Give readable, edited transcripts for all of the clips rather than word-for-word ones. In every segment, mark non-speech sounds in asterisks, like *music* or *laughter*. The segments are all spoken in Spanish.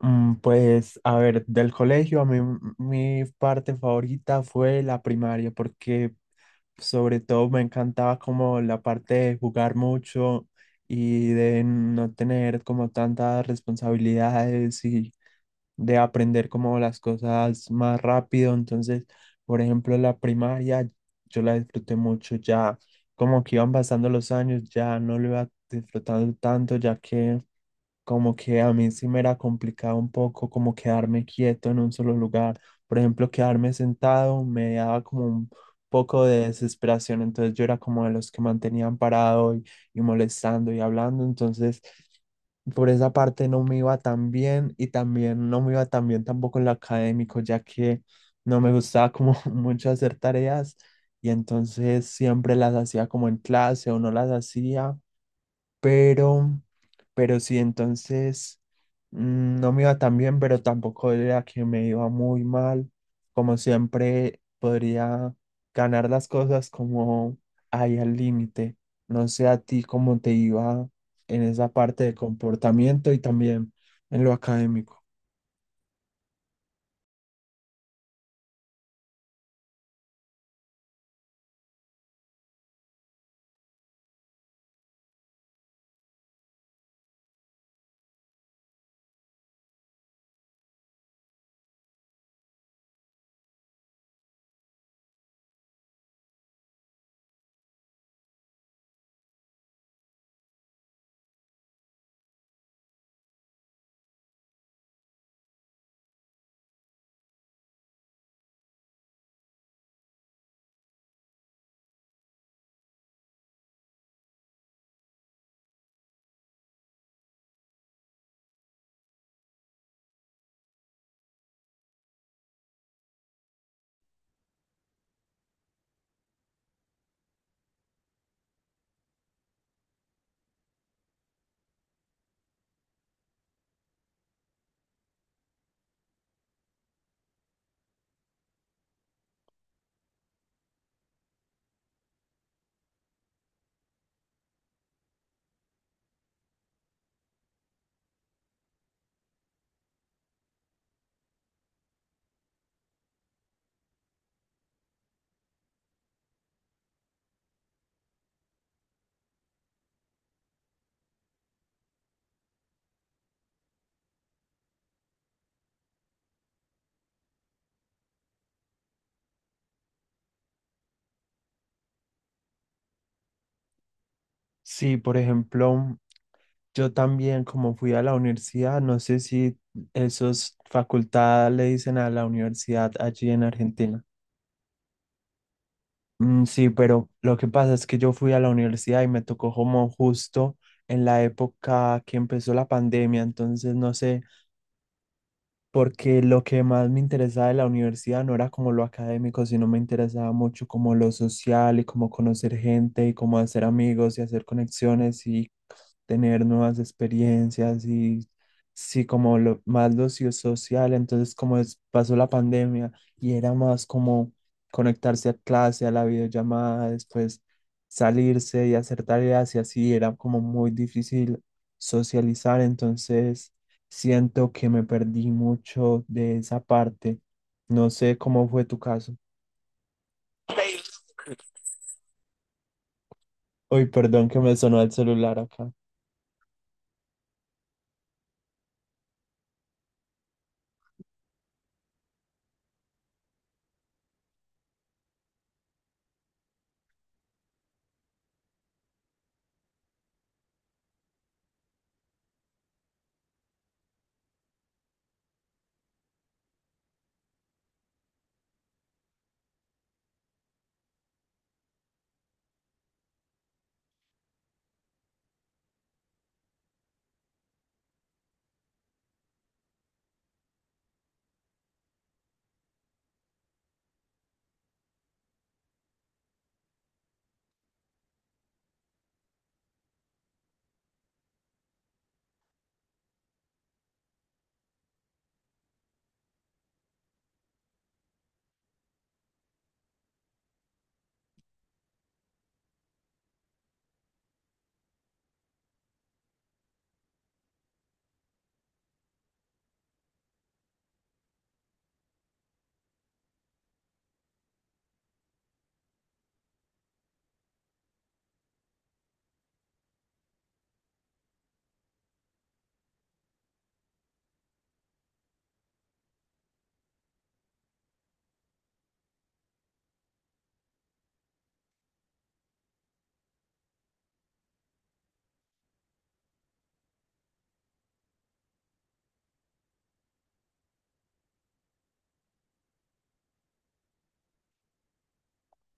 Pues, a ver, del colegio, a mí mi parte favorita fue la primaria, porque sobre todo me encantaba como la parte de jugar mucho y de no tener como tantas responsabilidades y de aprender como las cosas más rápido. Entonces, por ejemplo, la primaria yo la disfruté mucho, ya como que iban pasando los años, ya no lo iba disfrutando tanto, ya que como que a mí sí me era complicado un poco como quedarme quieto en un solo lugar. Por ejemplo, quedarme sentado me daba como un poco de desesperación, entonces yo era como de los que mantenían parado y molestando y hablando, entonces por esa parte no me iba tan bien y también no me iba tan bien tampoco en lo académico, ya que no me gustaba como *laughs* mucho hacer tareas y entonces siempre las hacía como en clase o no las hacía pero, pero sí, entonces no me iba tan bien, pero tampoco era que me iba muy mal. Como siempre, podría ganar las cosas como ahí al límite. No sé a ti cómo te iba en esa parte de comportamiento y también en lo académico. Sí, por ejemplo, yo también como fui a la universidad, no sé si esos facultad le dicen a la universidad allí en Argentina. Mm, sí, pero lo que pasa es que yo fui a la universidad y me tocó como justo en la época que empezó la pandemia, entonces no sé porque lo que más me interesaba de la universidad no era como lo académico, sino me interesaba mucho como lo social y como conocer gente y como hacer amigos y hacer conexiones y tener nuevas experiencias y sí, como lo, más lo social. Entonces, como pasó la pandemia y era más como conectarse a clase, a la videollamada, después salirse y hacer tareas y así era como muy difícil socializar. Entonces, siento que me perdí mucho de esa parte. No sé cómo fue tu caso. Uy, perdón que me sonó el celular acá.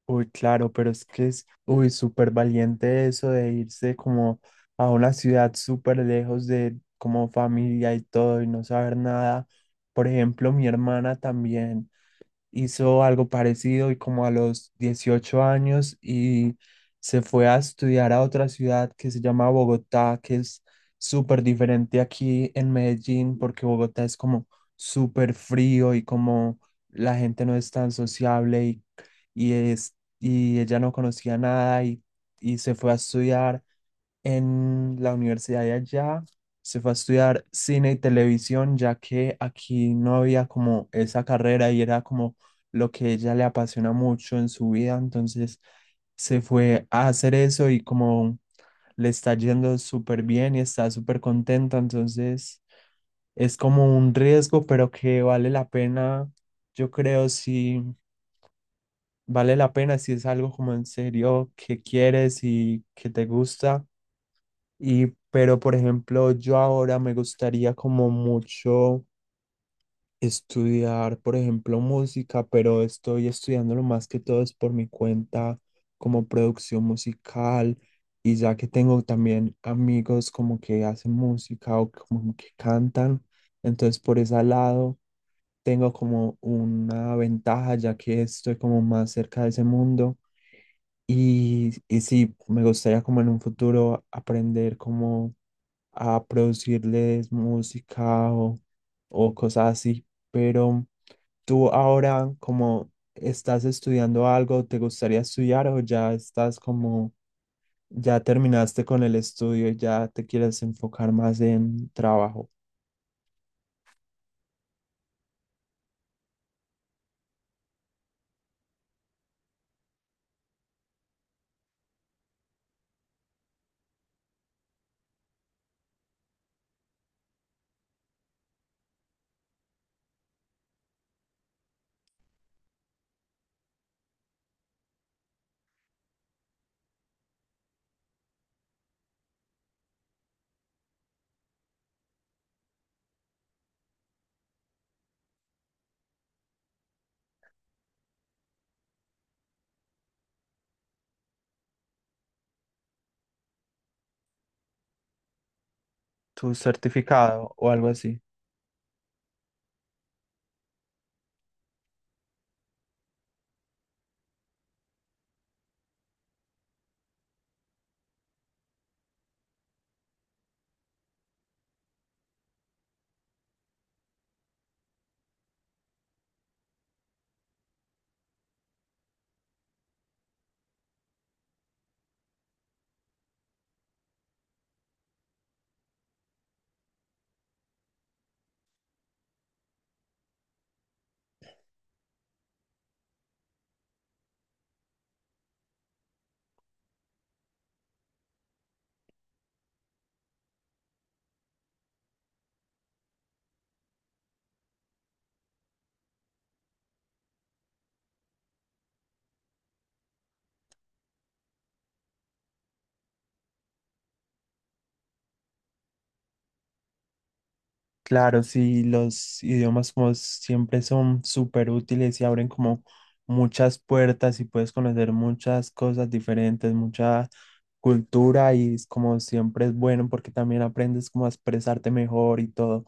Uy, claro, pero es que es, uy, súper valiente eso de irse como a una ciudad súper lejos de como familia y todo y no saber nada. Por ejemplo, mi hermana también hizo algo parecido y como a los 18 años y se fue a estudiar a otra ciudad que se llama Bogotá, que es súper diferente aquí en Medellín porque Bogotá es como súper frío y como la gente no es tan sociable y es, y ella no conocía nada y se fue a estudiar en la universidad de allá, se fue a estudiar cine y televisión, ya que aquí no había como esa carrera y era como lo que ella le apasiona mucho en su vida. Entonces se fue a hacer eso y como le está yendo súper bien y está súper contenta. Entonces es como un riesgo, pero que vale la pena, yo creo, si vale la pena, si es algo como en serio que quieres y que te gusta y, pero, por ejemplo, yo ahora me gustaría como mucho estudiar, por ejemplo, música, pero estoy estudiando lo más que todo es por mi cuenta como producción musical y ya que tengo también amigos como que hacen música o como que cantan, entonces por ese lado tengo como una ventaja ya que estoy como más cerca de ese mundo y sí, me gustaría como en un futuro aprender como a producirles música o cosas así. Pero tú ahora, como estás estudiando algo, ¿te gustaría estudiar o ya estás como, ya terminaste con el estudio y ya te quieres enfocar más en trabajo, tu certificado o algo así? Claro, sí, los idiomas como siempre son súper útiles y abren como muchas puertas y puedes conocer muchas cosas diferentes, mucha cultura y es como siempre es bueno porque también aprendes como a expresarte mejor y todo.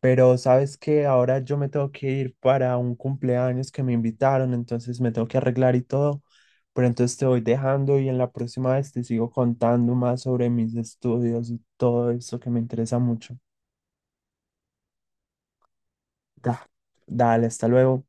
Pero sabes que ahora yo me tengo que ir para un cumpleaños que me invitaron, entonces me tengo que arreglar y todo. Pero entonces te voy dejando y en la próxima vez te sigo contando más sobre mis estudios y todo eso que me interesa mucho. Da- Dale, hasta luego.